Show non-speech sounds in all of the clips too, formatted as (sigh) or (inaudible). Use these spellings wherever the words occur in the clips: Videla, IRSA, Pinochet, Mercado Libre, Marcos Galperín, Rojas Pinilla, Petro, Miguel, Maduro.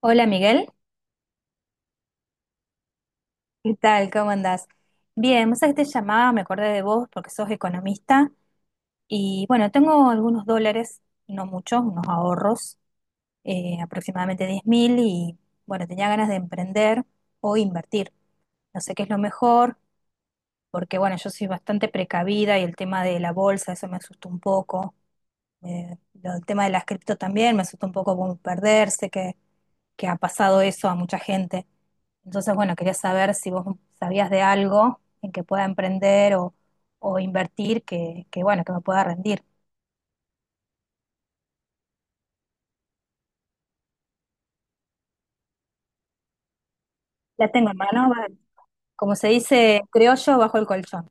Hola, Miguel, ¿qué tal? ¿Cómo andás? Bien, vos sabés que te llamaba, me acordé de vos porque sos economista y bueno, tengo algunos dólares, no muchos, unos ahorros, aproximadamente 10.000 y bueno, tenía ganas de emprender o invertir. No sé qué es lo mejor porque bueno, yo soy bastante precavida y el tema de la bolsa, eso me asustó un poco. Eh, el tema de las cripto también me asustó un poco, como perderse, que ha pasado eso a mucha gente. Entonces, bueno, quería saber si vos sabías de algo en que pueda emprender o invertir que, bueno, que me pueda rendir. La tengo en mano, como se dice en criollo, bajo el colchón.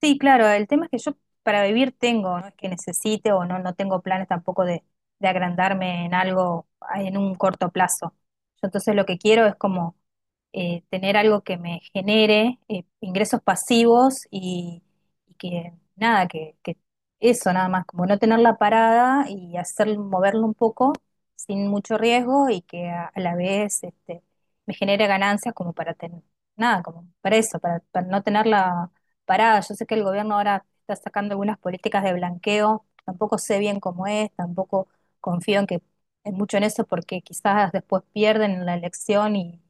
Sí, claro, el tema es que yo para vivir tengo, no es que necesite o no, no tengo planes tampoco de, agrandarme en algo en un corto plazo. Yo entonces lo que quiero es como tener algo que me genere ingresos pasivos y, que nada, que, eso nada más, como no tener la parada y hacer moverlo un poco sin mucho riesgo y que a, la vez me genere ganancias como para tener, nada, como para eso, para, no tener la parada. Yo sé que el gobierno ahora está sacando algunas políticas de blanqueo, tampoco sé bien cómo es, tampoco confío en que en mucho en eso porque quizás después pierden en la elección y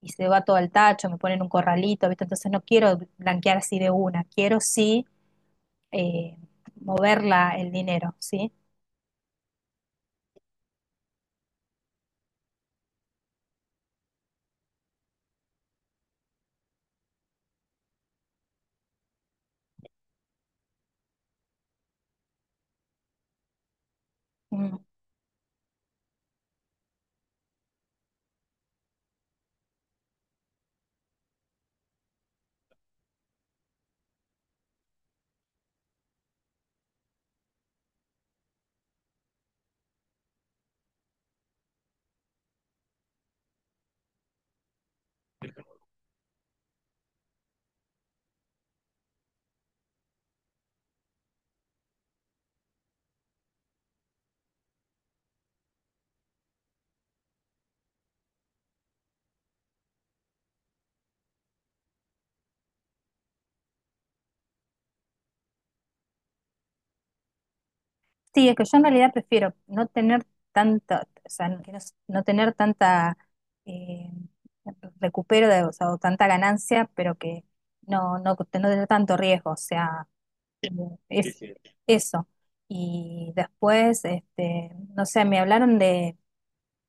se va todo al tacho, me ponen un corralito, ¿viste? Entonces no quiero blanquear así de una, quiero sí, eh, moverla el dinero, ¿sí? Mm. Sí, es que yo en realidad prefiero no tener tanta, o sea, que no, no tener tanta, eh, recupero de, o sea, o tanta ganancia, pero que no, no, no tener tanto riesgo, o sea, sí, eso. Y después, no sé, me hablaron de,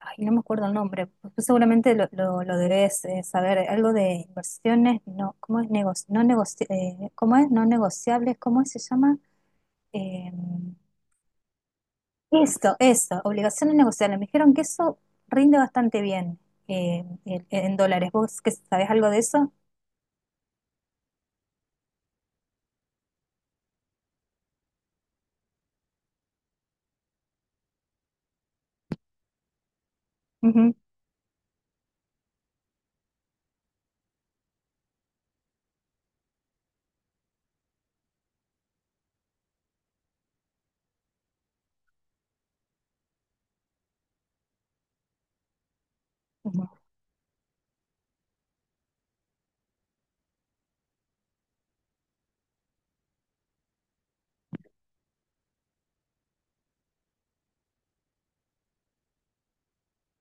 ay, no me acuerdo el nombre, pues tú seguramente lo, lo debes, saber, algo de inversiones, no, ¿cómo es? ¿Negocio? No negoci ¿Cómo es? ¿No negociables, cómo es? Se llama? Eh, eso, obligaciones negociables. Me dijeron que eso rinde bastante bien, en dólares. ¿Vos que sabés algo de eso? Ujú. Ujú,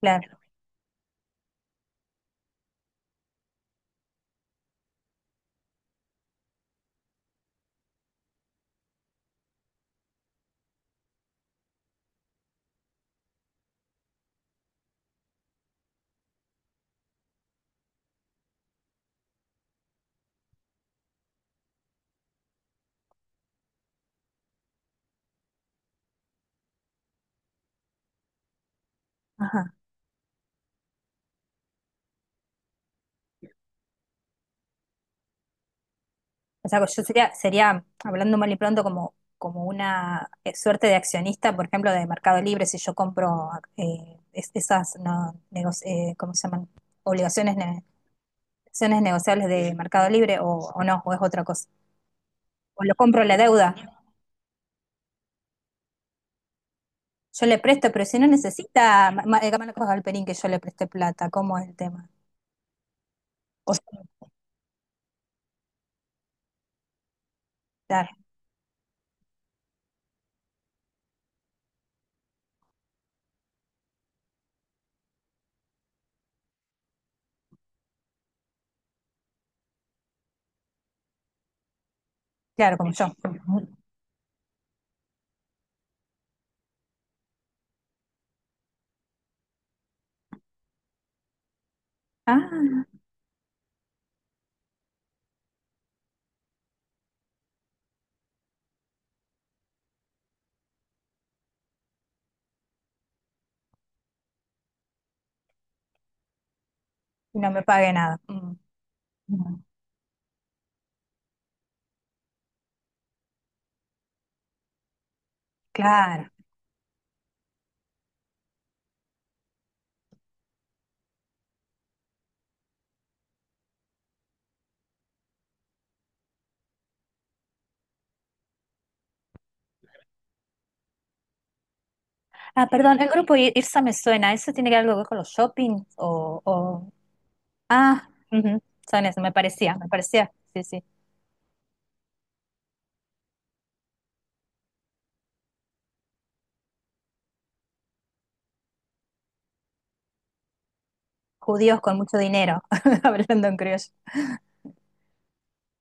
claro. Ajá. O sea, yo sería, hablando mal y pronto, como, una, suerte de accionista, por ejemplo, de Mercado Libre. Si yo compro, esas, no, ¿cómo se llaman? Obligaciones, acciones negociables de Mercado Libre, o no, o es otra cosa. O lo compro la deuda. Yo le presto, pero si no necesita, Marcos Galperín, que yo le presté plata, ¿cómo es el tema? O sea, claro, claro, como yo. (laughs) Ah, y no me pague nada. Mm, mm. Claro. Ah, perdón, el grupo IRSA me suena. ¿Eso tiene que ver algo con los shopping? Ah, ujú. Son eso, me parecía, me parecía. Sí, sí. Judíos con mucho dinero, (laughs) hablando en criollo. Sí,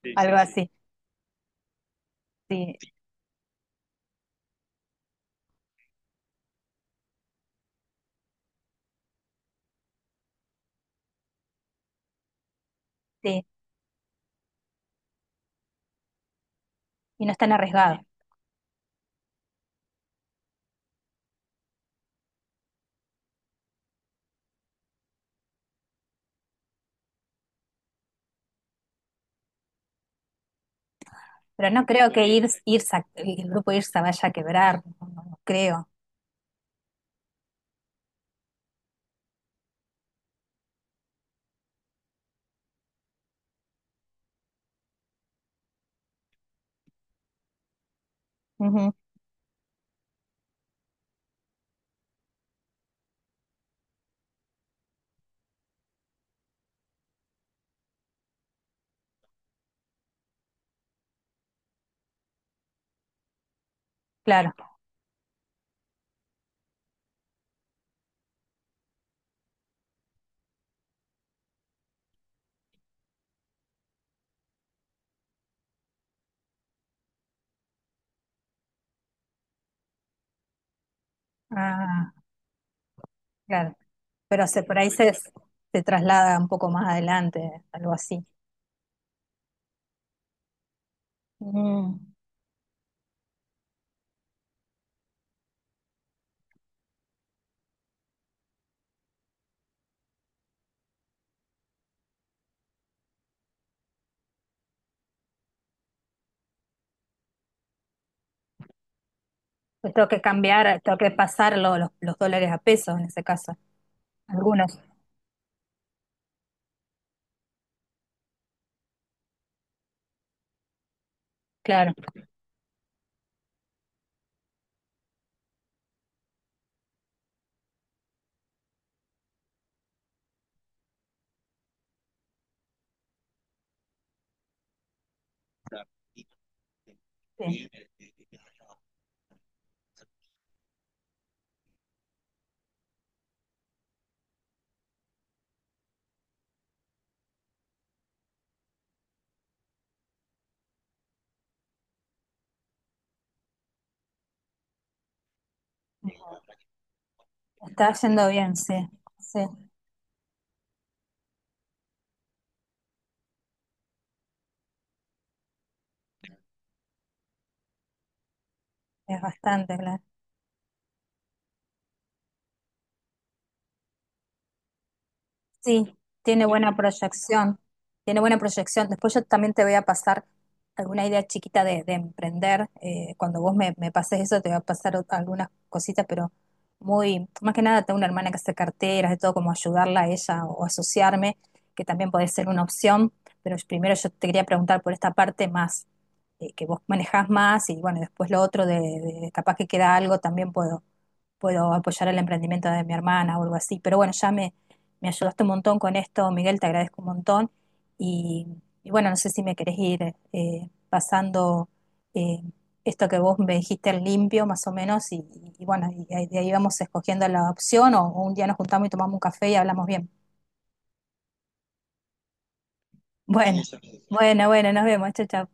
sí, algo sí. Sí. Así, sí, sí. Y no están arriesgados. Pero no creo que IRSA, el grupo IRSA vaya a quebrar, no, no creo. Ujú. Claro. Ah, claro. Pero se, por ahí se traslada un poco más adelante, algo así. Mm. Pues tengo que cambiar, tengo que pasar los dólares a pesos en ese caso. Algunos, claro. Sí. Está yendo bien, sí. Sí, es bastante, claro. Sí, tiene buena proyección, tiene buena proyección. Después yo también te voy a pasar alguna idea chiquita de, emprender. Cuando vos me, pases eso, te voy a pasar, algunas cositas, pero más que nada, tengo una hermana que hace carteras, de todo, como ayudarla a ella o asociarme, que también puede ser una opción. Pero primero yo te quería preguntar por esta parte más, que vos manejás más, y bueno, después lo otro de, capaz que queda algo, también puedo, apoyar el emprendimiento de mi hermana o algo así. Pero bueno, ya me ayudaste un montón con esto, Miguel, te agradezco un montón. Y, y bueno, no sé si me querés ir, pasando, eh, esto que vos me dijiste al limpio, más o menos, y, bueno, y de ahí vamos escogiendo la opción, o un día nos juntamos y tomamos un café y hablamos bien. Bueno, bueno, bueno, nos vemos. Chao, chao.